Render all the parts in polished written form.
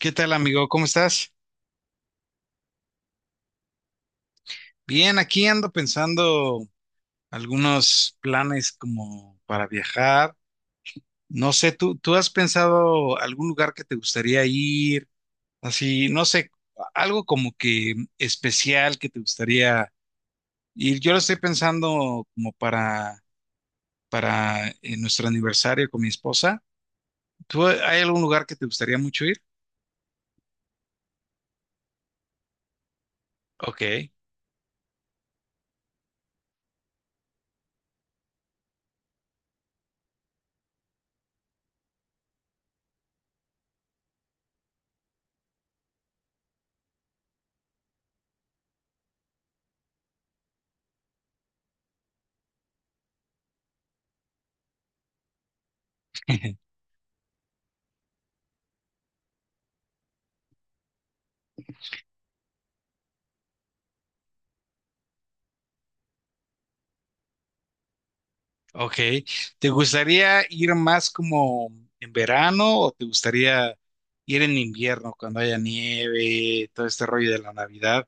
¿Qué tal, amigo? ¿Cómo estás? Bien, aquí ando pensando algunos planes como para viajar. No sé, ¿tú has pensado algún lugar que te gustaría ir? Así, no sé, algo como que especial que te gustaría ir. Yo lo estoy pensando como para nuestro aniversario con mi esposa. ¿Tú, hay algún lugar que te gustaría mucho ir? Ok. Ok. ¿Te gustaría ir más como en verano o te gustaría ir en invierno cuando haya nieve, todo este rollo de la Navidad?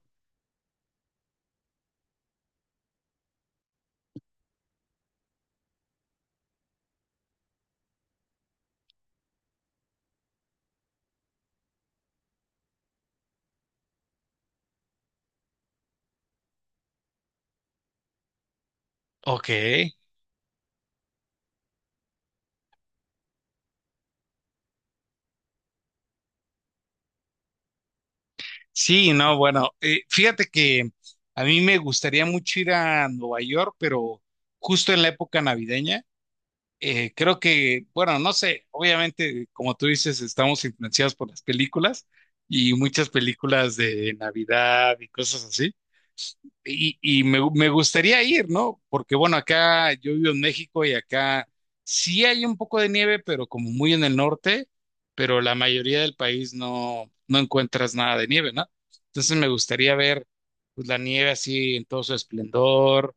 Ok. Sí, no, bueno, fíjate que a mí me gustaría mucho ir a Nueva York, pero justo en la época navideña. Creo que, bueno, no sé, obviamente, como tú dices, estamos influenciados por las películas y muchas películas de Navidad y cosas así. Y, y me gustaría ir, ¿no? Porque bueno, acá yo vivo en México y acá sí hay un poco de nieve, pero como muy en el norte, pero la mayoría del país no, no encuentras nada de nieve, ¿no? Entonces me gustaría ver pues, la nieve así en todo su esplendor,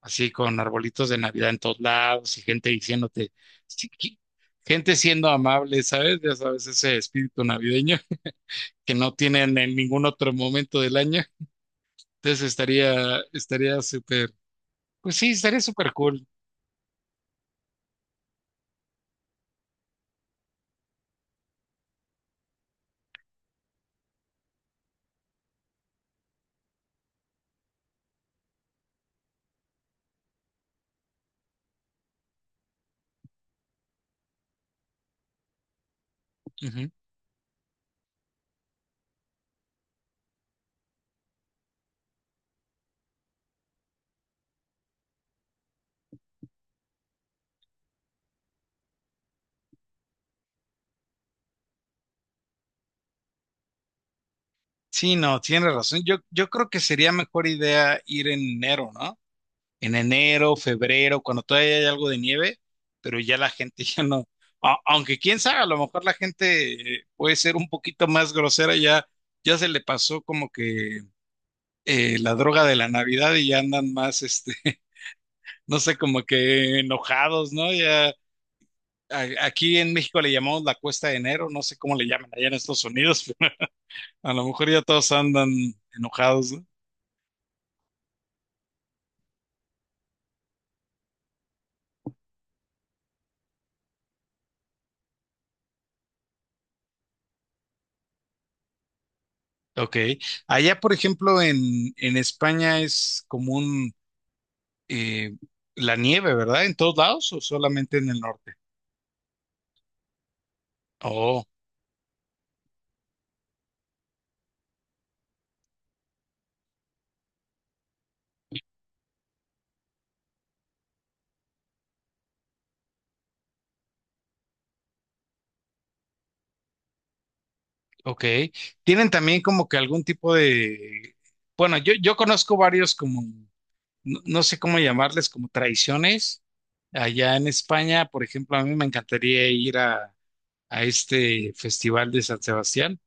así con arbolitos de Navidad en todos lados y gente diciéndote, sí, gente siendo amable, ¿sabes? Ya sabes, ese espíritu navideño que no tienen en ningún otro momento del año. Entonces estaría súper pues sí, estaría súper cool. Ujú. Sí, no, tienes razón. Yo creo que sería mejor idea ir en enero, ¿no? En enero, febrero, cuando todavía hay algo de nieve, pero ya la gente ya no. Aunque quién sabe, a lo mejor la gente puede ser un poquito más grosera, ya, ya se le pasó como que la droga de la Navidad y ya andan más, este, no sé, como que enojados, ¿no? Ya aquí en México le llamamos la cuesta de enero, no sé cómo le llaman allá en Estados Unidos. A lo mejor ya todos andan enojados, ¿no? Ok. Allá, por ejemplo, en España es común eh, la nieve, ¿verdad? ¿En todos lados o solamente en el norte? Oh, ok. Tienen también como que algún tipo de... Bueno, yo conozco varios como, no, no sé cómo llamarles, como tradiciones. Allá en España, por ejemplo, a mí me encantaría ir a este festival de San Sebastián,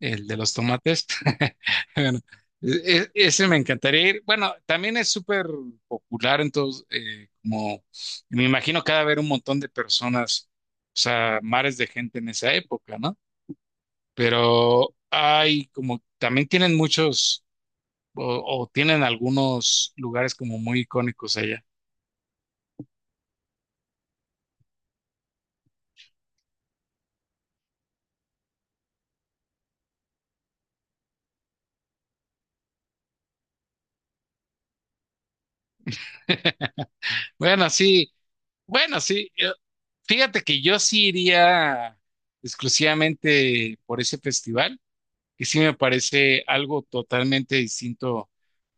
el de los tomates. Bueno, ese me encantaría ir. Bueno, también es súper popular, entonces, como me imagino que ha de haber un montón de personas, o sea, mares de gente en esa época, ¿no? Pero hay como, también tienen muchos, o tienen algunos lugares como muy icónicos allá. Bueno, sí, bueno, sí. Fíjate que yo sí iría exclusivamente por ese festival, que sí me parece algo totalmente distinto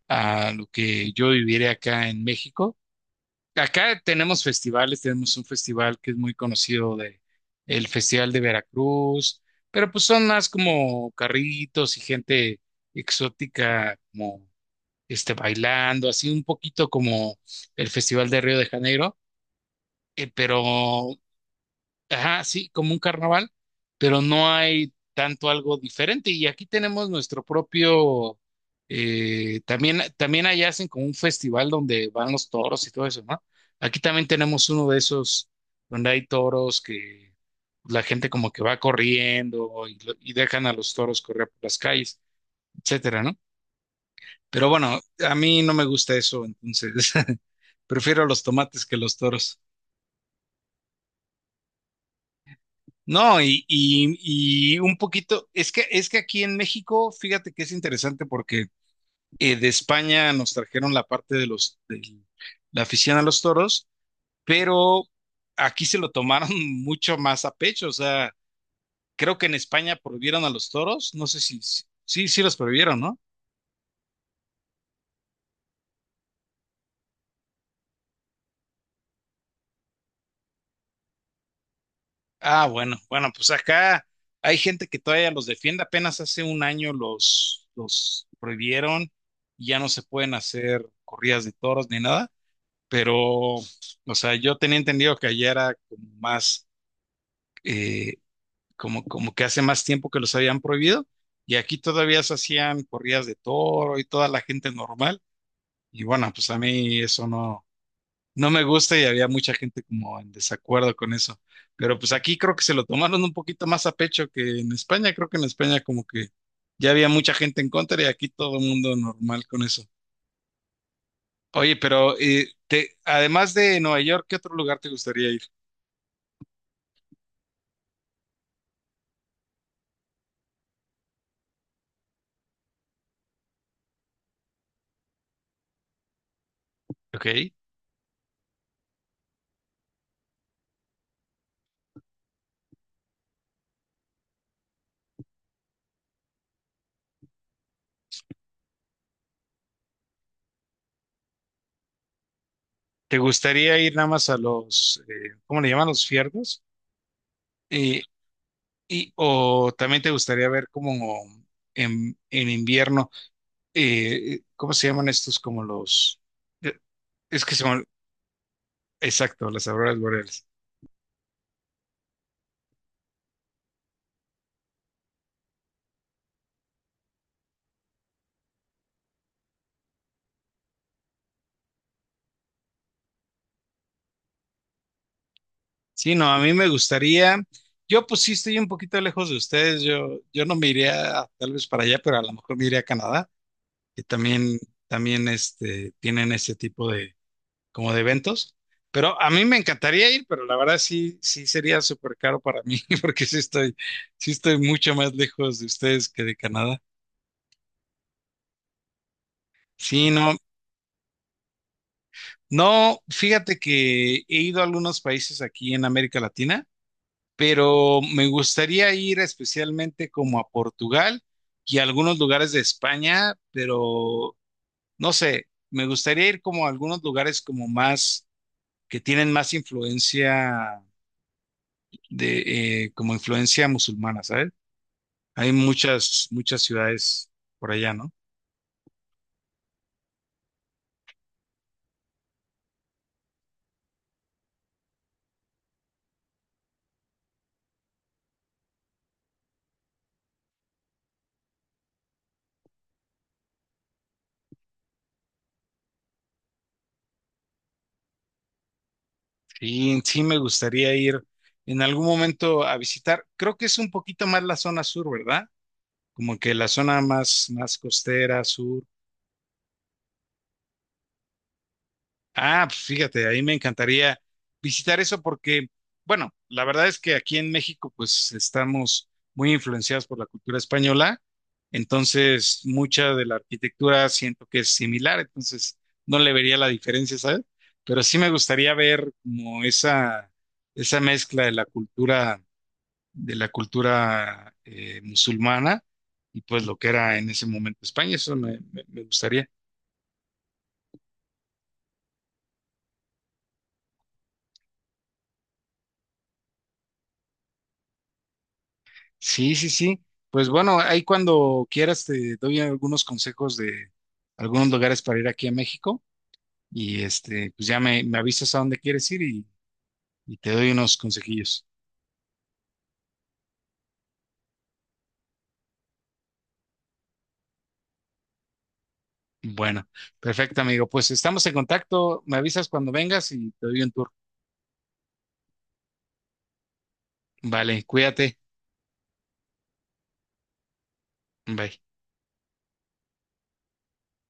a lo que yo viviré acá en México. Acá tenemos festivales, tenemos un festival que es muy conocido de el Festival de Veracruz, pero pues son más como carritos y gente exótica como este bailando, así un poquito como el Festival de Río de Janeiro, pero ajá, sí, como un carnaval, pero no hay tanto algo diferente. Y aquí tenemos nuestro propio, también, también allá hacen como un festival donde van los toros y todo eso, ¿no? Aquí también tenemos uno de esos donde hay toros que la gente como que va corriendo y, y dejan a los toros correr por las calles, etcétera, ¿no? Pero bueno, a mí no me gusta eso, entonces prefiero los tomates que los toros. No, y un poquito, es que aquí en México, fíjate que es interesante porque de España nos trajeron la parte de de la afición a los toros, pero aquí se lo tomaron mucho más a pecho. O sea, creo que en España prohibieron a los toros, no sé si, sí, sí los prohibieron, ¿no? Ah, bueno, bueno, pues acá hay gente que todavía los defiende, apenas hace un año los prohibieron, y ya no se pueden hacer corridas de toros ni nada. Pero, o sea, yo tenía entendido que allá era como más, eh, como, como que hace más tiempo que los habían prohibido, y aquí todavía se hacían corridas de toro y toda la gente normal, y bueno, pues a mí eso no, no me gusta y había mucha gente como en desacuerdo con eso, pero pues aquí creo que se lo tomaron un poquito más a pecho que en España, creo que en España como que ya había mucha gente en contra y aquí todo el mundo normal con eso. Oye, pero además de Nueva York, ¿qué otro lugar te gustaría ir? Ok. ¿Te gustaría ir nada más a los, ¿cómo le llaman? Los fiordos. Eh, y, o también te gustaría ver como en invierno, ¿cómo se llaman estos? Como los, eh, es que son, exacto, las auroras boreales. Sí, no, a mí me gustaría, yo pues sí estoy un poquito lejos de ustedes, yo no me iría tal vez para allá, pero a lo mejor me iría a Canadá, que también, también este, tienen ese tipo como de eventos. Pero a mí me encantaría ir, pero la verdad sí, sí sería súper caro para mí, porque sí estoy mucho más lejos de ustedes que de Canadá. Sí, no, no, fíjate que he ido a algunos países aquí en América Latina, pero me gustaría ir especialmente como a Portugal y a algunos lugares de España, pero no sé, me gustaría ir como a algunos lugares como más, que tienen más influencia de como influencia musulmana, ¿sabes? Hay muchas, muchas ciudades por allá, ¿no? Y sí me gustaría ir en algún momento a visitar. Creo que es un poquito más la zona sur, ¿verdad? Como que la zona más, más costera, sur. Ah, pues fíjate, ahí me encantaría visitar eso porque, bueno, la verdad es que aquí en México pues estamos muy influenciados por la cultura española, entonces mucha de la arquitectura siento que es similar, entonces no le vería la diferencia, ¿sabes? Pero sí me gustaría ver como esa mezcla de la cultura musulmana y pues lo que era en ese momento España, eso me gustaría. Sí, sí, sí. Pues bueno, ahí cuando quieras te doy algunos consejos de algunos lugares para ir aquí a México y este, pues ya me avisas a dónde quieres ir y te doy unos consejillos. Bueno, perfecto, amigo. Pues estamos en contacto. Me avisas cuando vengas y te doy un tour. Vale, cuídate. Bye.